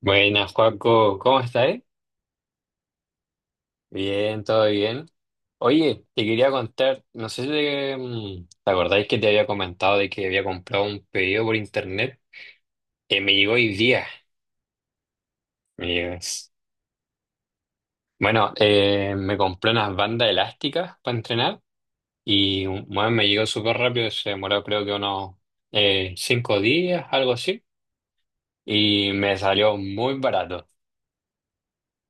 Buenas, Joaco, ¿cómo estás? Bien, todo bien. Oye, te quería contar, no sé si ¿te acordáis que te había comentado de que había comprado un pedido por internet? Que me llegó hoy día. Me llegó. Bueno, me compré unas bandas elásticas para entrenar y bueno, me llegó súper rápido, se demoró creo que unos 5 días, algo así, y me salió muy barato.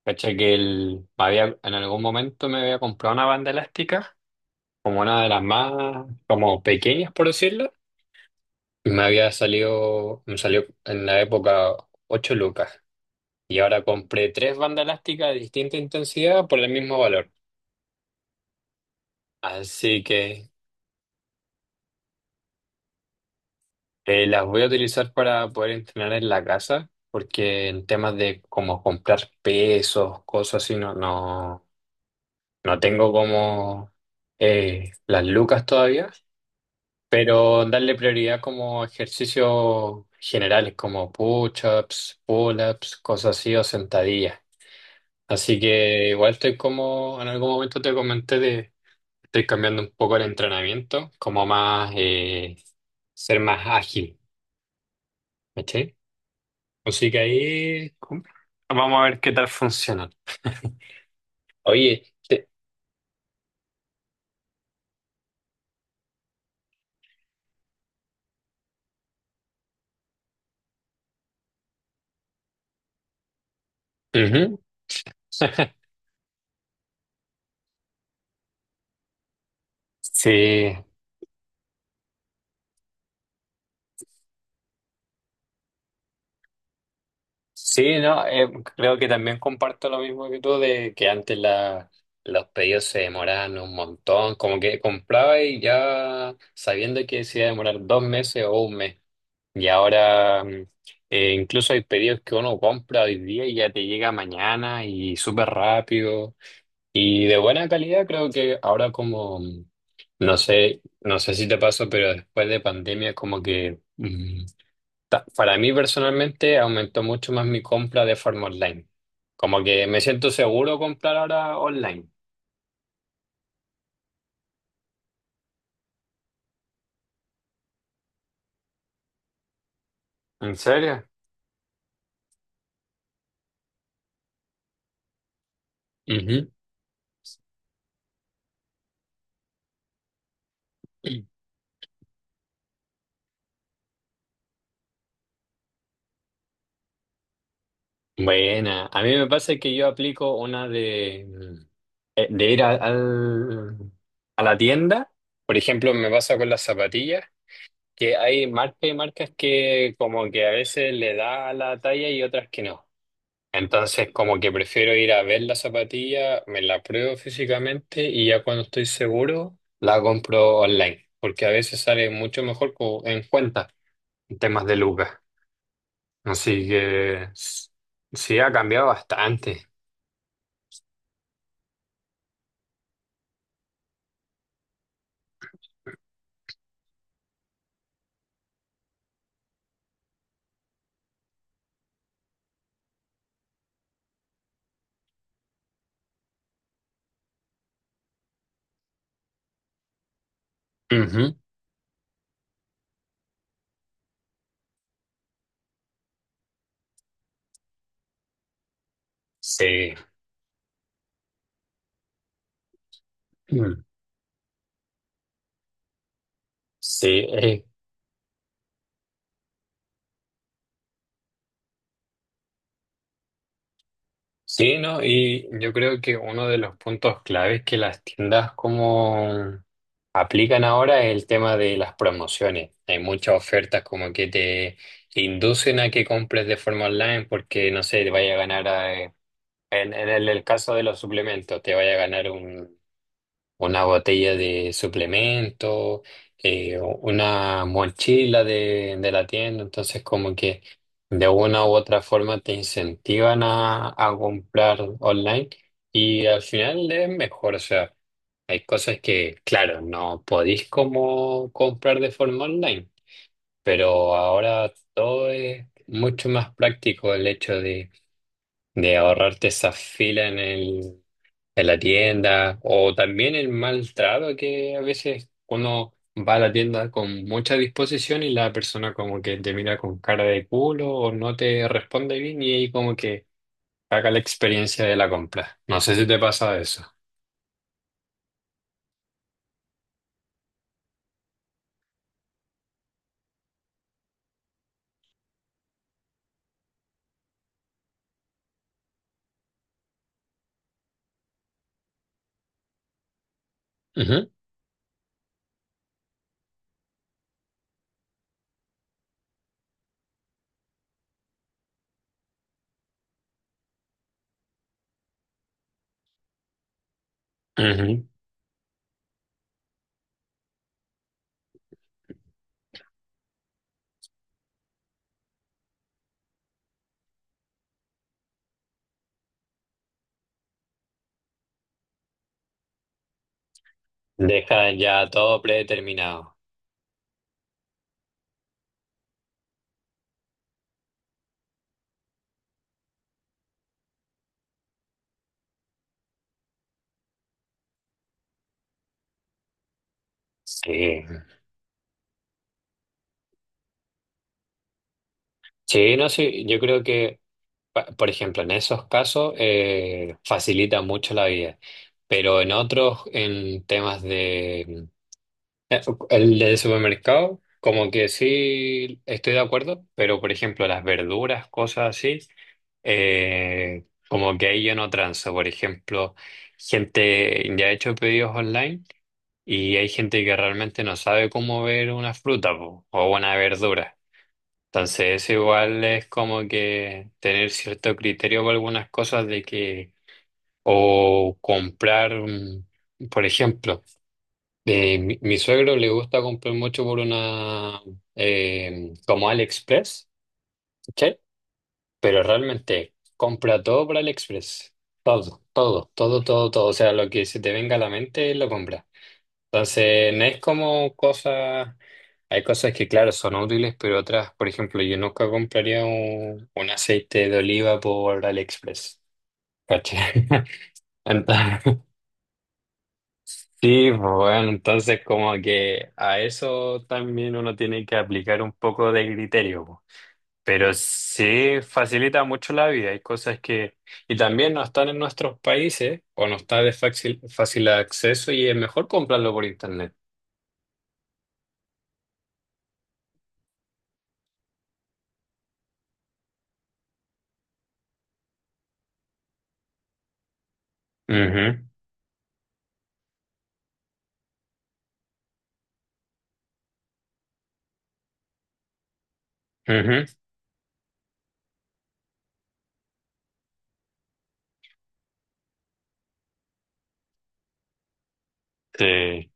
Cacha que el, me había, en algún momento me había comprado una banda elástica como una de las más como pequeñas, por decirlo, y me había salido, me salió en la época 8 lucas. Y ahora compré tres bandas elásticas de distinta intensidad por el mismo valor. Así que las voy a utilizar para poder entrenar en la casa, porque en temas de como comprar pesos, cosas así, no, no, no tengo como las lucas todavía, pero darle prioridad como ejercicios generales, como push-ups, pull-ups, cosas así o sentadillas. Así que igual estoy como, en algún momento te comenté de, estoy cambiando un poco el entrenamiento, como más, ser más ágil, ¿cachai? Así que ahí vamos a ver qué tal funciona. Oye, te- ujú. Sí, sí, no, creo que también comparto lo mismo que tú, de que antes la, los pedidos se demoraban un montón, como que compraba y ya sabiendo que se iba a demorar 2 meses o un mes. Y ahora incluso hay pedidos que uno compra hoy día y ya te llega mañana y súper rápido y de buena calidad. Creo que ahora como, no sé, no sé si te pasó, pero después de pandemia como que. Para mí personalmente aumentó mucho más mi compra de forma online. Como que me siento seguro comprar ahora online. ¿En serio? Ujú. Buena. A mí me pasa que yo aplico una de ir a a la tienda. Por ejemplo, me pasa con las zapatillas, que hay marcas y marcas que como que a veces le da la talla y otras que no. Entonces, como que prefiero ir a ver la zapatilla, me la pruebo físicamente y ya cuando estoy seguro, la compro online, porque a veces sale mucho mejor en cuenta en temas de lucas. Así que sí ha cambiado bastante. Ujú. Sí. Mm. Sí. Sí, ¿no? Y yo creo que uno de los puntos claves que las tiendas como aplican ahora es el tema de las promociones. Hay muchas ofertas como que te inducen a que compres de forma online porque, no sé, te vaya a ganar, eh, en el caso de los suplementos, te vaya a ganar una botella de suplemento, o una mochila de la tienda. Entonces, como que de una u otra forma te incentivan a comprar online y al final es mejor. O sea, hay cosas que, claro, no podéis como comprar de forma online, pero ahora todo es mucho más práctico el hecho de ahorrarte esa fila en la tienda, o también el maltrato que a veces uno va a la tienda con mucha disposición y la persona como que te mira con cara de culo o no te responde bien y ahí como que caga la experiencia de la compra. No sé si te pasa eso. Ujú, ujú. Dejan ya todo predeterminado. Sí. Sí, no sé, yo creo que, por ejemplo, en esos casos facilita mucho la vida, pero en otros, en temas de Eh, el del supermercado, como que sí estoy de acuerdo, pero por ejemplo las verduras, cosas así, como que ahí yo no transo. Por ejemplo, gente ya ha hecho pedidos online y hay gente que realmente no sabe cómo ver una fruta po, o una verdura. Entonces eso igual es como que tener cierto criterio con algunas cosas de que o comprar, por ejemplo. Mi suegro le gusta comprar mucho por una, como AliExpress, ¿cachai? Pero realmente compra todo por AliExpress. Todo, todo, todo, todo, todo. O sea, lo que se te venga a la mente lo compra. Entonces, no es como cosas. Hay cosas que, claro, son útiles, pero otras, por ejemplo, yo nunca compraría un aceite de oliva por AliExpress. ¿Cachai? Sí, bueno, entonces como que a eso también uno tiene que aplicar un poco de criterio, po. Pero sí facilita mucho la vida. Hay cosas que, y también no están en nuestros países o no está de fácil, fácil acceso y es mejor comprarlo por internet. Ujú, ujú. Sí,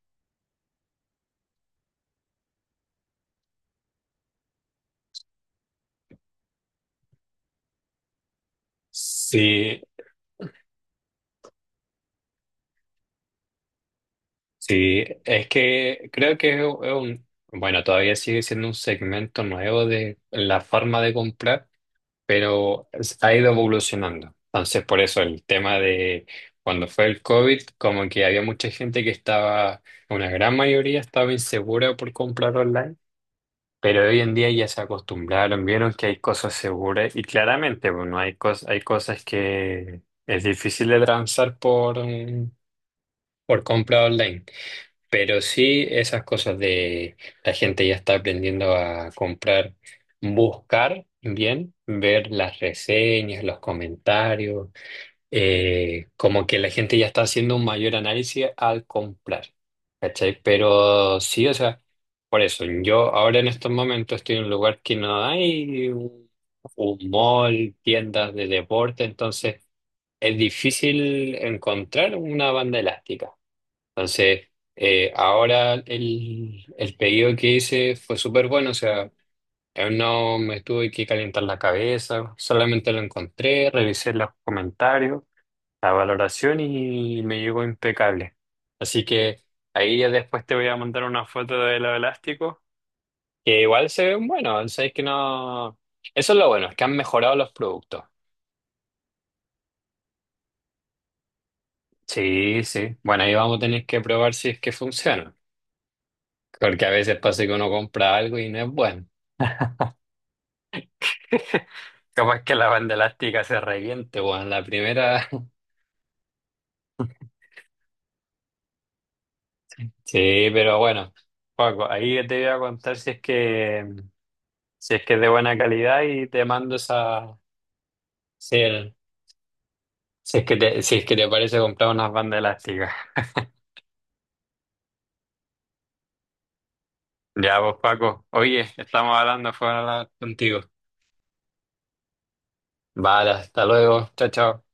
sí, sí. Es que creo que bueno, todavía sigue siendo un segmento nuevo de la forma de comprar, pero ha ido evolucionando. Entonces, por eso el tema de cuando fue el COVID, como que había mucha gente que estaba, una gran mayoría estaba insegura por comprar online, pero hoy en día ya se acostumbraron, vieron que hay cosas seguras y claramente, bueno, hay cosas que es difícil de transar por compra online. Pero sí esas cosas de la gente ya está aprendiendo a comprar, buscar bien, ver las reseñas, los comentarios, como que la gente ya está haciendo un mayor análisis al comprar, ¿cachai? Pero sí, o sea, por eso yo ahora en estos momentos estoy en un lugar que no hay un mall, tiendas de deporte, entonces es difícil encontrar una banda elástica. Entonces, ahora el pedido que hice fue súper bueno, o sea, no me tuve que calentar la cabeza, solamente lo encontré, revisé los comentarios, la valoración y me llegó impecable. Así que ahí ya después te voy a mandar una foto de los elásticos, que igual se ven buenos, o sea, es que no. Eso es lo bueno, es que han mejorado los productos. Sí, sí. Bueno, ahí vamos a tener que probar si es que funciona, porque a veces pasa que uno compra algo y no es bueno. Capaz que la banda elástica se reviente, weón. La primera. Sí, pero bueno, Paco, ahí te voy a contar si es que es de buena calidad y te mando esa. Si, el- si es que te parece comprar unas bandas elásticas. Ya, vos, Paco. Oye, estamos hablando, fue hablar contigo. Vale, hasta luego. Chao, chao.